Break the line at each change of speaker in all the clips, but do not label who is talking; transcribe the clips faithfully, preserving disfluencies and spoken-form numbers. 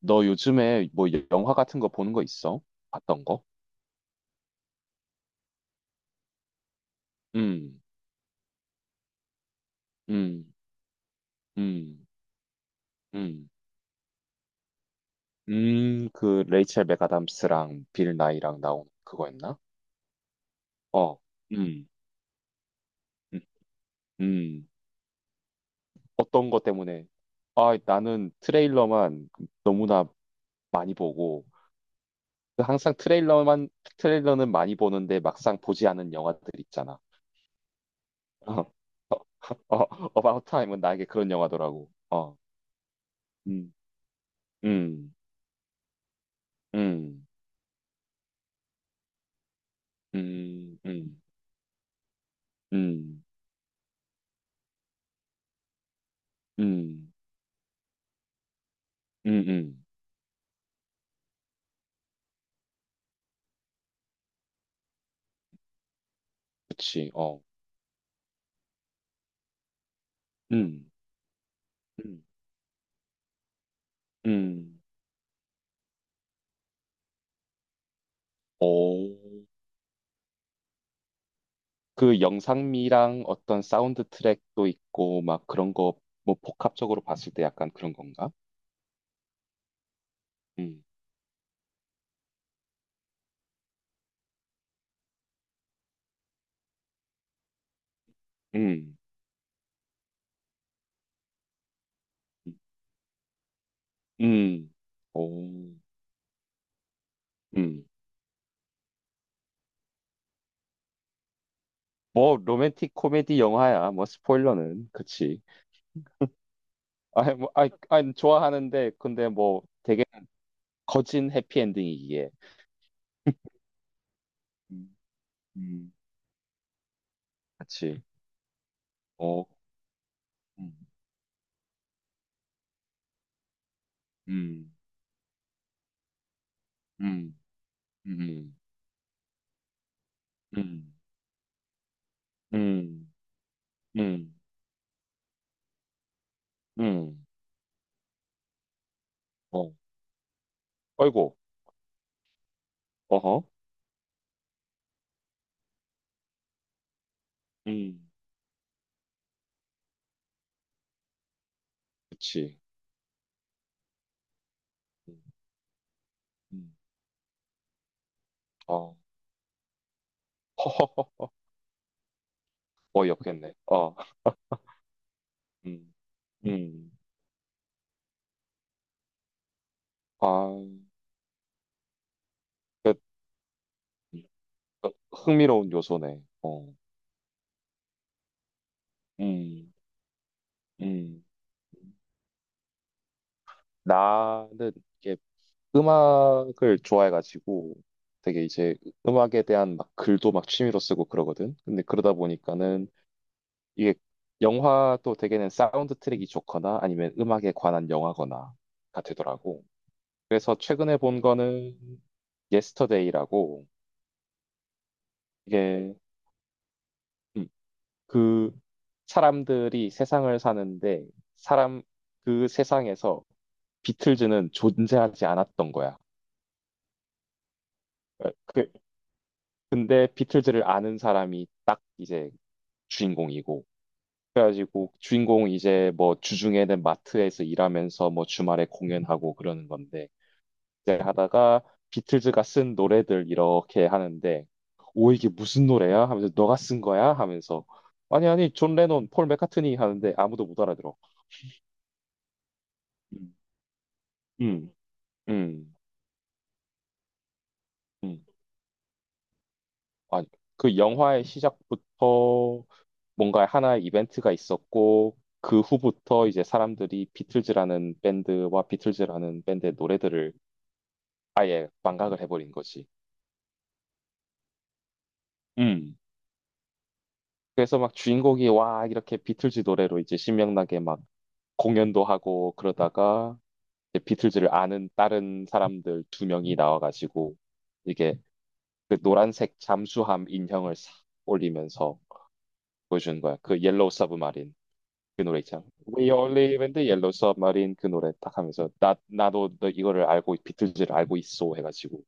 너 요즘에 뭐 영화 같은 거 보는 거 있어? 봤던 거? 음, 음, 음, 음, 음, 그 레이첼 맥아담스랑 빌 나이랑 나온 그거였나? 어, 음, 음, 음. 어떤 거 때문에? 아, 나는 트레일러만 너무나 많이 보고 그 항상 트레일러만 트레일러는 많이 보는데 막상 보지 않은 영화들 있잖아. 어, 어, 어, 어, About Time은 나에게 그런 영화더라고. 어, 음, 음, 음. 음, 음, 음, 음, 음, 음. 그치, 어, 음, 음, 음. 오, 그 영상미랑 어떤 사운드 트랙도 있고, 막 그런 거, 뭐 복합적으로 봤을 때 약간 그런 건가? 음, 음, 음, 오, 음. 뭐 로맨틱 코미디 영화야, 뭐 스포일러는, 그치. 아, 뭐, 아, 아, 좋아하는데, 근데 뭐 되게 거진 해피엔딩이기에. 음, 음. 그치. 어. 음. 음, 음, 음, 음, 음, 음, 음, 어, 아이고, 어허, 음, 그치, 음, 음, 어, 허허허, 어이없겠네, 어, 음, 음, 아, 그, 그 흥미로운 요소네, 어, 음, 음, 나는 이게 음악을 좋아해가지고 되게 이제 음악에 대한 막 글도 막 취미로 쓰고 그러거든. 근데 그러다 보니까는 이게 영화도 되게는 사운드 트랙이 좋거나 아니면 음악에 관한 영화거나가 되더라고. 그래서 최근에 본 거는 예스터데이라고 이게 음, 그 사람들이 세상을 사는데 사람 그 세상에서 비틀즈는 존재하지 않았던 거야. 어, 그- 근데 비틀즈를 아는 사람이 딱 이제 주인공이고 그래가지고 주인공 이제 뭐 주중에는 마트에서 일하면서 뭐 주말에 공연하고 그러는 건데 이제 하다가 비틀즈가 쓴 노래들 이렇게 하는데 오 이게 무슨 노래야? 하면서 너가 쓴 거야? 하면서 아니 아니 존 레논, 폴 맥카트니 하는데 아무도 못 알아들어. 음, 음, 음. 음. 아니 그 영화의 시작부터 뭔가 하나의 이벤트가 있었고 그 후부터 이제 사람들이 비틀즈라는 밴드와 비틀즈라는 밴드의 노래들을 아예 망각을 해버린 거지. 음. 그래서 막 주인공이 와 이렇게 비틀즈 노래로 이제 신명나게 막 공연도 하고 그러다가 이제 비틀즈를 아는 다른 사람들 두 명이 나와가지고 이게 그 노란색 잠수함 인형을 싹 올리면서 보여주는 거야. 그 옐로우 서브마린 그 노래 있잖아. We only live in the yellow submarine 그 노래 딱 하면서 나 나도 너 이거를 알고 비틀즈를 알고 있어 해가지고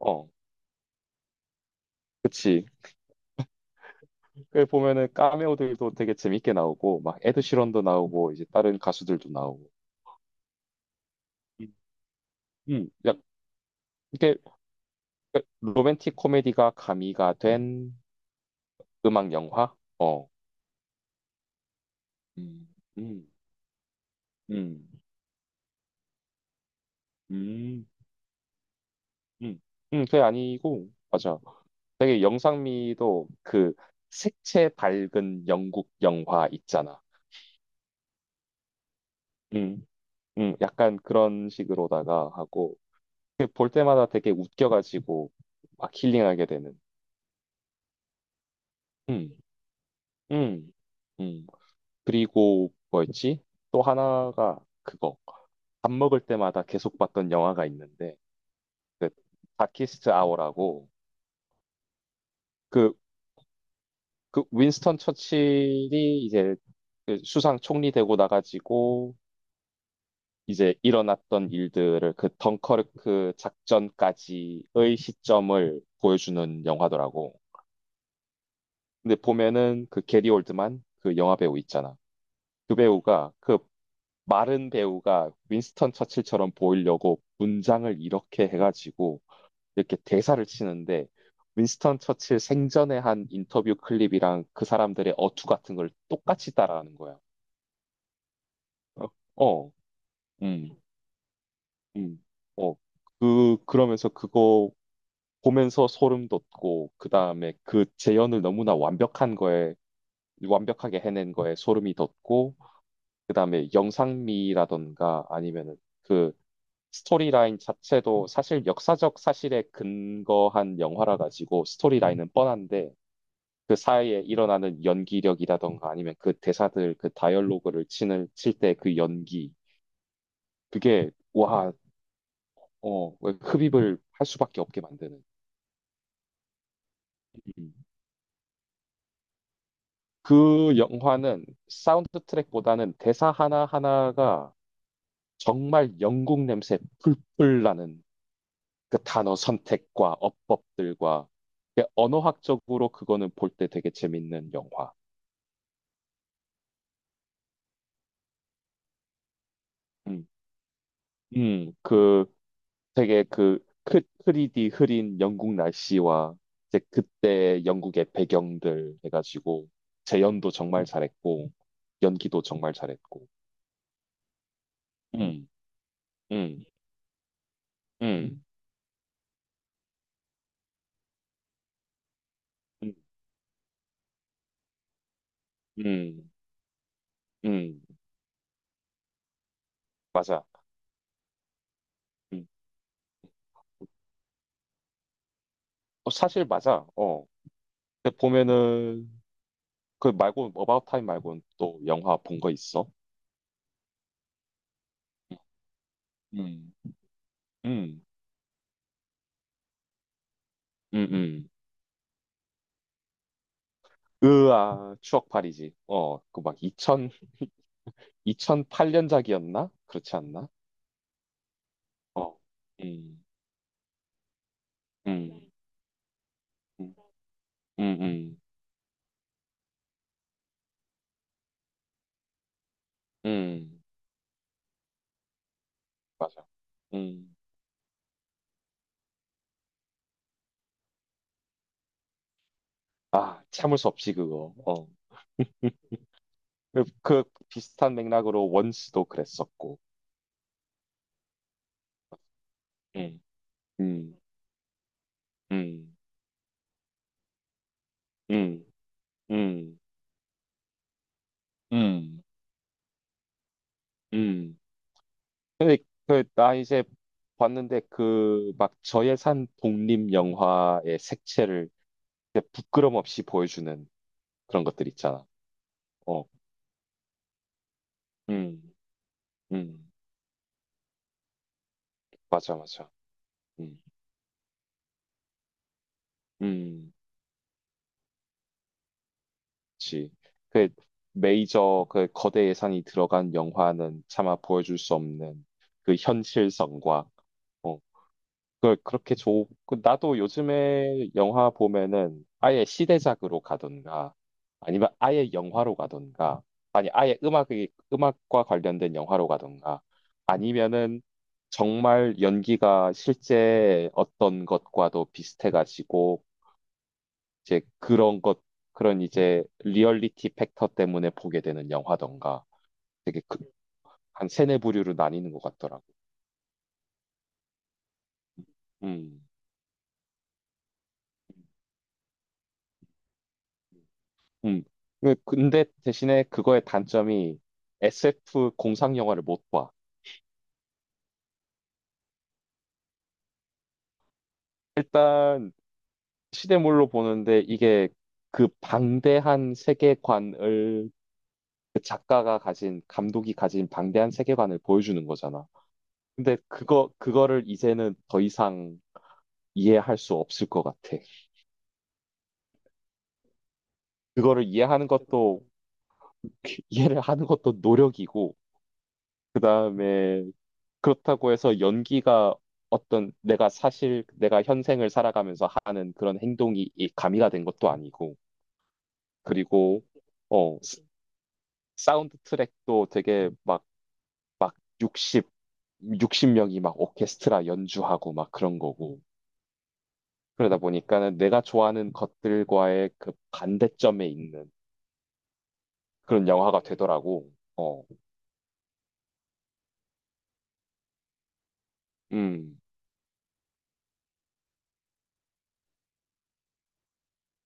어 그치. 그 보면은 카메오들도 되게 재밌게 나오고 막 에드 시런도 나오고 이제 다른 가수들도 나오고. 음, 음, 약 이게 그 로맨틱 코미디가 가미가 된 음악 영화? 어. 음. 음. 음. 음. 음. 음, 그게 아니고 맞아. 되게 영상미도 그 색채 밝은 영국 영화 있잖아. 음. 음. 약간 그런 식으로다가 하고 그볼 때마다 되게 웃겨가지고 막 힐링하게 되는. 음. 음. 음. 그리고 뭐였지? 또 하나가 그거. 밥 먹을 때마다 계속 봤던 영화가 있는데 그 다키스트 아워라고 그 그 윈스턴 처칠이 이제 그 수상 총리 되고 나가지고 이제 일어났던 일들을 그 덩커르크 작전까지의 시점을 보여주는 영화더라고. 근데 보면은 그 게리 올드만 그 영화 배우 있잖아. 그 배우가 그 마른 배우가 윈스턴 처칠처럼 보이려고 문장을 이렇게 해가지고 이렇게 대사를 치는데 윈스턴 처칠 생전에 한 인터뷰 클립이랑 그 사람들의 어투 같은 걸 똑같이 따라하는 거야. 어, 어, 음, 음, 어, 그, 그러면서 그거 보면서 소름 돋고, 그 다음에 그 재현을 너무나 완벽한 거에, 완벽하게 해낸 거에 소름이 돋고, 그 다음에 영상미라던가 아니면은 그 스토리라인 자체도 사실 역사적 사실에 근거한 영화라 가지고 스토리라인은 뻔한데, 그 사이에 일어나는 연기력이라던가 아니면 그 대사들, 그 다이얼로그를 치는, 칠 때 그 연기, 그게, 와, 어, 왜 흡입을 할 수밖에 없게 만드는. 음. 그 영화는 사운드 트랙보다는 대사 하나하나가 정말 영국 냄새 풀풀 나는 그 단어 선택과 어법들과 그 언어학적으로 그거는 볼 때 되게 재밌는 영화. 음, 음, 그 되게 그 흐, 흐리디 흐린 영국 날씨와 이제 그때 영국의 배경들 해가지고 재연도 정말 잘했고 연기도 정말 잘했고. 음. 음, 음, 음. 음, 음, 음, 맞아. 음. 어, 사실 맞아. 어. 근데 보면은 그 말고 어바웃 타임 말고는 또 영화 본 거 있어? 음, 음, 음, 음. 으아, 추억팔이지. 어, 그 막 이천, 이천팔 년작이었나? 그렇지 않나? 어, 음, 음, 음, 음, 음, 음, 맞아. 음, 아, 참을 수 없이 그거. 어, 그, 그 비슷한 맥락으로 원스도 그랬었고. 음, 음. 음, 음, 음, 음. 음. 근데 그, 나 이제 봤는데 그 막 저예산 독립 영화의 색채를 이제 부끄럼 없이 보여주는 그런 것들 있잖아. 어, 음, 음, 맞아, 맞아. 음, 음, 그치. 그 메이저 그 거대 예산이 들어간 영화는 차마 보여줄 수 없는 그 현실성과 어, 그 그렇게 좋 그 나도 요즘에 영화 보면은 아예 시대작으로 가던가 아니면 아예 영화로 가던가 아니 아예 음악이 음악과 관련된 영화로 가던가 아니면은 정말 연기가 실제 어떤 것과도 비슷해가지고 이제 그런 것 그런 이제 리얼리티 팩터 때문에 보게 되는 영화던가 되게 그, 한 세네 부류로 나뉘는 것 같더라고. 음. 음. 그- 근데 대신에 그거의 단점이 에스에프 공상 영화를 못 봐. 일단 시대물로 보는데 이게 그 방대한 세계관을 그 작가가 가진, 감독이 가진 방대한 세계관을 보여주는 거잖아. 근데 그거, 그거를 이제는 더 이상 이해할 수 없을 것 같아. 그거를 이해하는 것도, 이해를 하는 것도 노력이고, 그 다음에 그렇다고 해서 연기가 어떤 내가 사실 내가 현생을 살아가면서 하는 그런 행동이 이 가미가 된 것도 아니고 그리고 어 스- 사운드 트랙도 되게 막 막 육십, 육십 명이 막 오케스트라 연주하고 막 그런 거고 그러다 보니까는 내가 좋아하는 것들과의 그 반대점에 있는 그런 영화가 되더라고. 어, 음,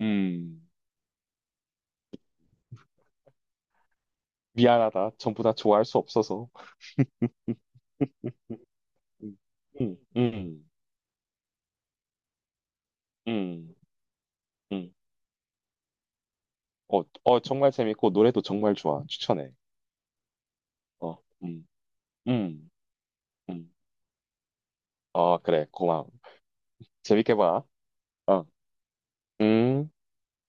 음, 미안하다. 전부 다 좋아할 수 없어서. 음, 음, 음, 음. 음. 어, 어, 정말 재밌고, 노래도 정말 좋아. 추천해. 어, 음, 음, 음. 어, 그래, 고마워. 재밌게 봐. 어, 음.